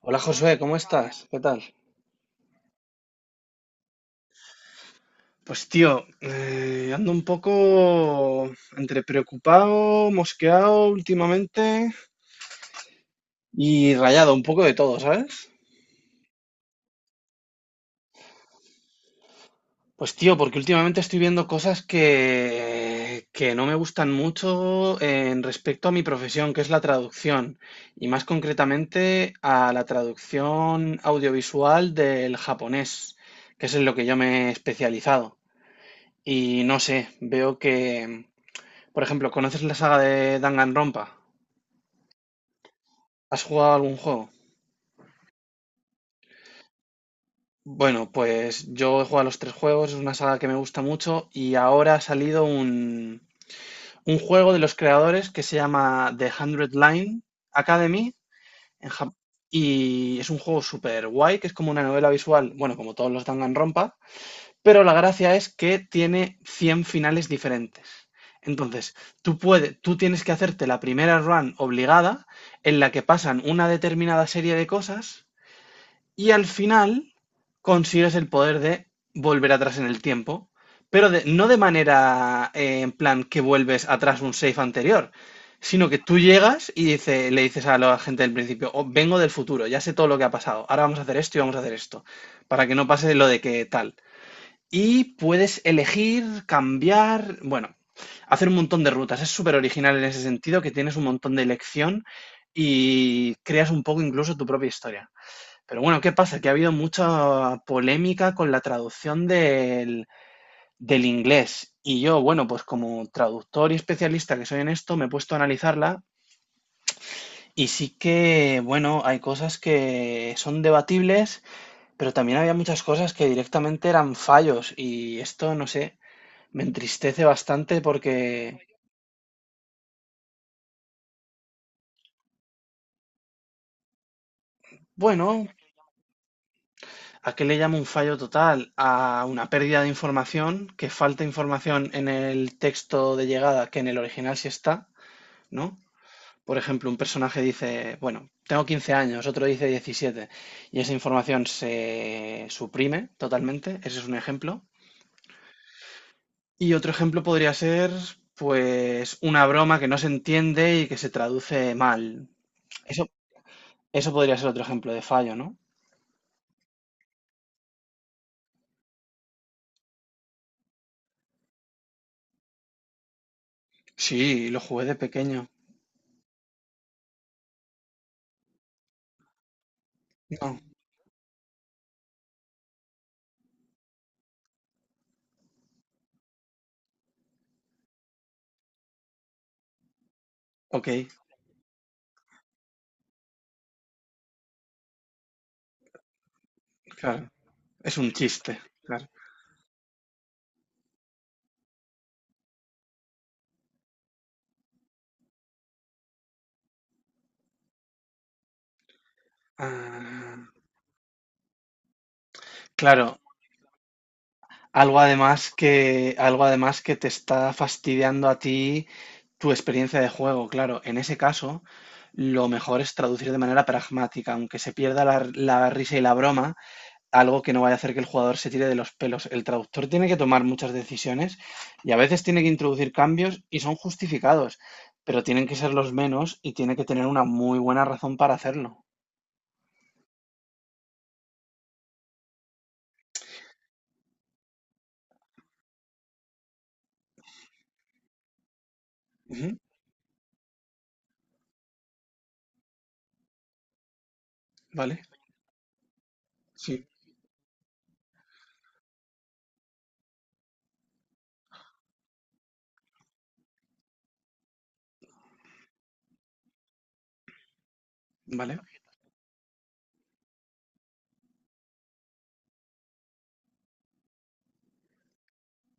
Hola Josué, ¿cómo estás? ¿Qué tal? Pues tío, ando un poco entre preocupado, mosqueado últimamente y rayado, un poco de todo, ¿sabes? Pues tío, porque últimamente estoy viendo cosas que no me gustan mucho en respecto a mi profesión, que es la traducción, y más concretamente a la traducción audiovisual del japonés, que es en lo que yo me he especializado. Y no sé, veo que, por ejemplo, ¿conoces la saga de Danganronpa? ¿Has jugado algún juego? Bueno, pues yo he jugado a los tres juegos, es una saga que me gusta mucho y ahora ha salido un juego de los creadores que se llama The Hundred Line Academy en Jap- y es un juego súper guay que es como una novela visual, bueno, como todos los Danganronpa, pero la gracia es que tiene 100 finales diferentes. Entonces, tú puedes, tú tienes que hacerte la primera run obligada en la que pasan una determinada serie de cosas y al final consigues el poder de volver atrás en el tiempo, pero no de manera en plan que vuelves atrás un save anterior, sino que tú llegas y le dices a la gente del principio, "Oh, vengo del futuro, ya sé todo lo que ha pasado, ahora vamos a hacer esto y vamos a hacer esto, para que no pase lo de que tal." Y puedes elegir, cambiar, bueno, hacer un montón de rutas. Es súper original en ese sentido, que tienes un montón de elección y creas un poco incluso tu propia historia. Pero bueno, ¿qué pasa? Que ha habido mucha polémica con la traducción del inglés. Y yo, bueno, pues como traductor y especialista que soy en esto, me he puesto a analizarla y sí que, bueno, hay cosas que son debatibles, pero también había muchas cosas que directamente eran fallos y esto, no sé, me entristece bastante porque, bueno, ¿a qué le llamo un fallo total? A una pérdida de información, que falta información en el texto de llegada que en el original sí está, ¿no? Por ejemplo, un personaje dice, bueno, tengo 15 años, otro dice 17, y esa información se suprime totalmente, ese es un ejemplo. Y otro ejemplo podría ser, pues, una broma que no se entiende y que se traduce mal. Eso, eso podría ser otro ejemplo de fallo, ¿no? Sí, lo jugué de pequeño. No, ok, claro. Es un chiste, claro. Ah, claro, algo además que te está fastidiando a ti tu experiencia de juego, claro. En ese caso, lo mejor es traducir de manera pragmática, aunque se pierda la risa y la broma, algo que no vaya a hacer que el jugador se tire de los pelos. El traductor tiene que tomar muchas decisiones y a veces tiene que introducir cambios y son justificados, pero tienen que ser los menos y tiene que tener una muy buena razón para hacerlo. Ujú, vale, sí, vale.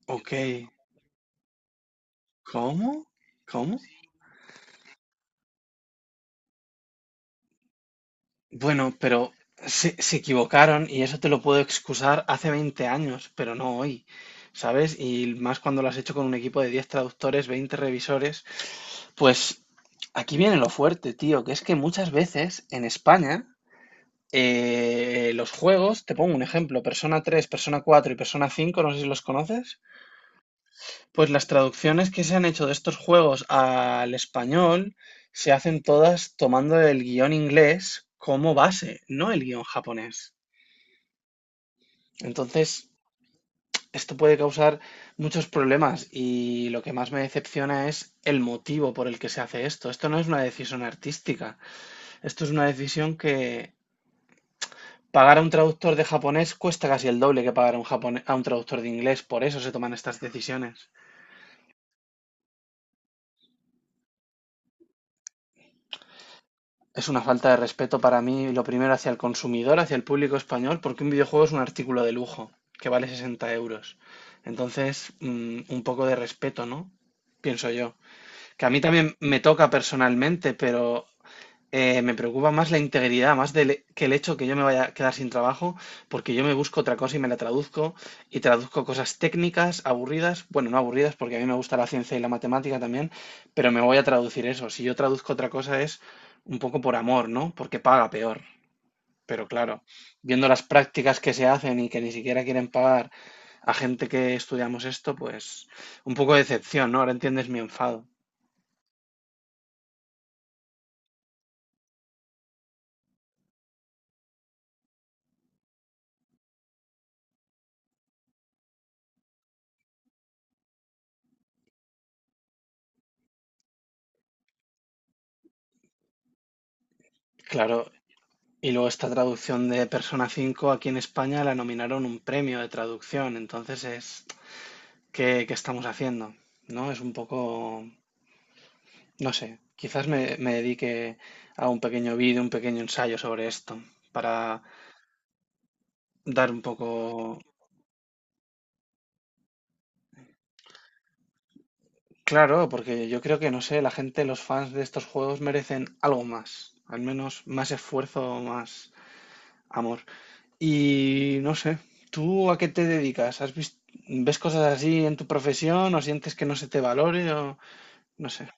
Ok, ¿cómo? ¿Cómo? Bueno, pero se equivocaron y eso te lo puedo excusar hace 20 años, pero no hoy, ¿sabes? Y más cuando lo has hecho con un equipo de 10 traductores, 20 revisores. Pues aquí viene lo fuerte, tío, que es que muchas veces en España los juegos, te pongo un ejemplo, Persona tres, Persona cuatro y Persona cinco, no sé si los conoces, pues las traducciones que se han hecho de estos juegos al español se hacen todas tomando el guión inglés como base, no el guión japonés. Entonces, esto puede causar muchos problemas y lo que más me decepciona es el motivo por el que se hace esto. Esto no es una decisión artística. Esto es una decisión que pagar a un traductor de japonés cuesta casi el doble que pagar a un a un traductor de inglés. Por eso se toman estas decisiones. Es una falta de respeto para mí, lo primero hacia el consumidor, hacia el público español, porque un videojuego es un artículo de lujo que vale 60 euros. Entonces, un poco de respeto, ¿no? Pienso yo. Que a mí también me toca personalmente, pero me preocupa más la integridad, más que el hecho que yo me vaya a quedar sin trabajo, porque yo me busco otra cosa y me la traduzco, y traduzco cosas técnicas, aburridas, bueno, no aburridas, porque a mí me gusta la ciencia y la matemática también, pero me voy a traducir eso. Si yo traduzco otra cosa es un poco por amor, ¿no? Porque paga peor. Pero claro, viendo las prácticas que se hacen y que ni siquiera quieren pagar a gente que estudiamos esto, pues un poco de decepción, ¿no? Ahora entiendes mi enfado. Claro, y luego esta traducción de Persona 5 aquí en España la nominaron un premio de traducción, entonces es, ¿qué, qué estamos haciendo? ¿No? Es un poco, no sé, quizás me dedique a un pequeño vídeo, un pequeño ensayo sobre esto, para dar un poco, claro, porque yo creo que, no sé, la gente, los fans de estos juegos merecen algo más, al menos más esfuerzo, más amor. Y no sé, ¿tú a qué te dedicas? ¿Ves cosas así en tu profesión o sientes que no se te valore o no sé?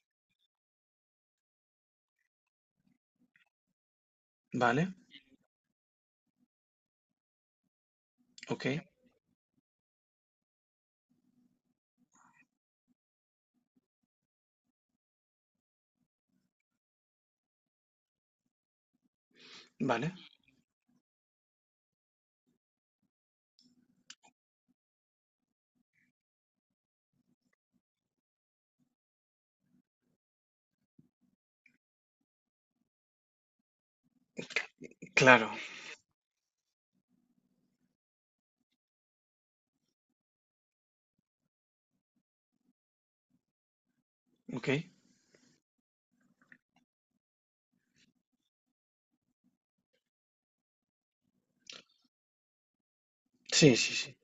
Vale, ok, vale, claro, ok. Sí, sí, sí,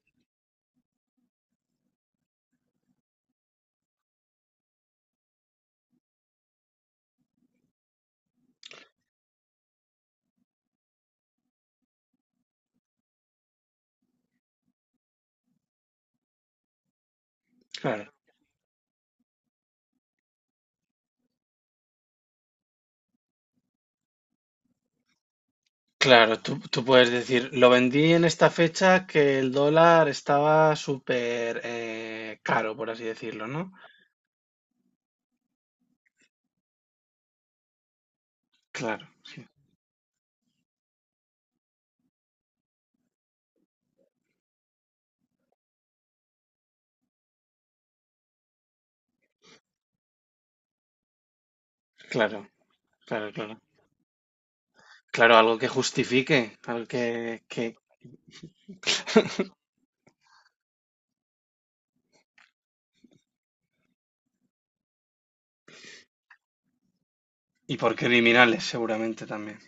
claro. Claro, tú puedes decir, lo vendí en esta fecha que el dólar estaba súper caro, por así decirlo, ¿no? Claro, claro, claro, claro. Claro, algo que justifique, algo que... Y por criminales seguramente también.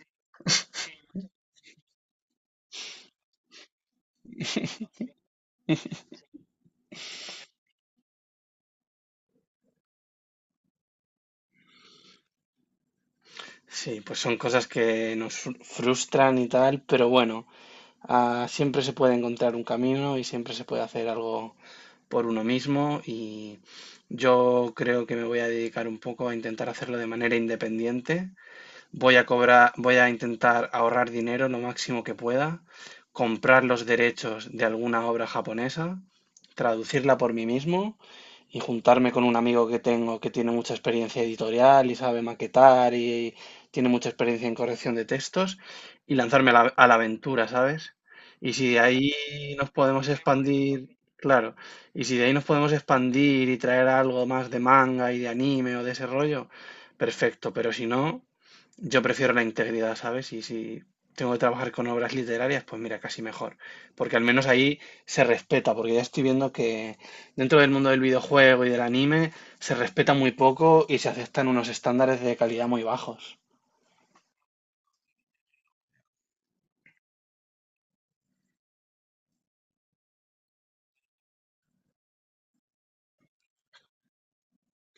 Sí, pues son cosas que nos frustran y tal, pero bueno, ah, siempre se puede encontrar un camino y siempre se puede hacer algo por uno mismo y yo creo que me voy a dedicar un poco a intentar hacerlo de manera independiente, voy a cobrar, voy a intentar ahorrar dinero lo máximo que pueda, comprar los derechos de alguna obra japonesa, traducirla por mí mismo y juntarme con un amigo que tengo que tiene mucha experiencia editorial y sabe maquetar y tiene mucha experiencia en corrección de textos y lanzarme a la aventura, ¿sabes? Y si de ahí nos podemos expandir, claro, y si de ahí nos podemos expandir y traer algo más de manga y de anime o de ese rollo, perfecto, pero si no, yo prefiero la integridad, ¿sabes? Y si tengo que trabajar con obras literarias, pues mira, casi mejor. Porque al menos ahí se respeta, porque ya estoy viendo que dentro del mundo del videojuego y del anime se respeta muy poco y se aceptan unos estándares de calidad muy bajos.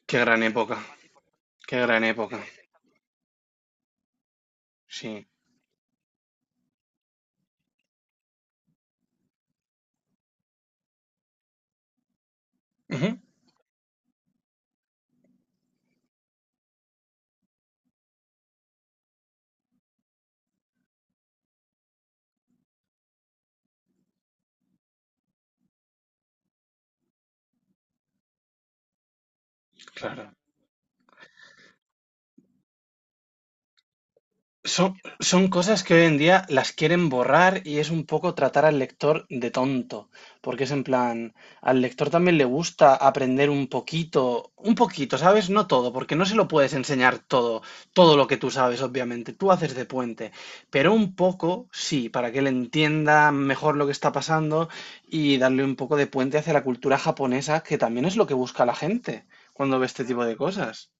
Qué gran época, qué gran época. Sí, ujú, claro. Son, son cosas que hoy en día las quieren borrar y es un poco tratar al lector de tonto, porque es en plan, al lector también le gusta aprender un poquito, ¿sabes? No todo, porque no se lo puedes enseñar todo, todo lo que tú sabes, obviamente, tú haces de puente, pero un poco, sí, para que él entienda mejor lo que está pasando y darle un poco de puente hacia la cultura japonesa, que también es lo que busca la gente cuando ve este tipo de cosas.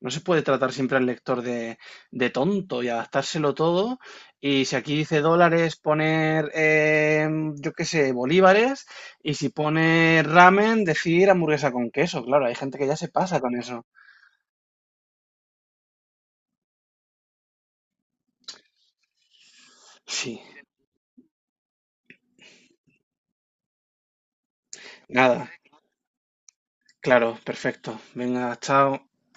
No se puede tratar siempre al lector de tonto y adaptárselo todo. Y si aquí dice dólares, poner, yo qué sé, bolívares. Y si pone ramen, decir hamburguesa con queso. Claro, hay gente que ya se pasa con eso. Sí, nada, claro, perfecto. Venga, chao.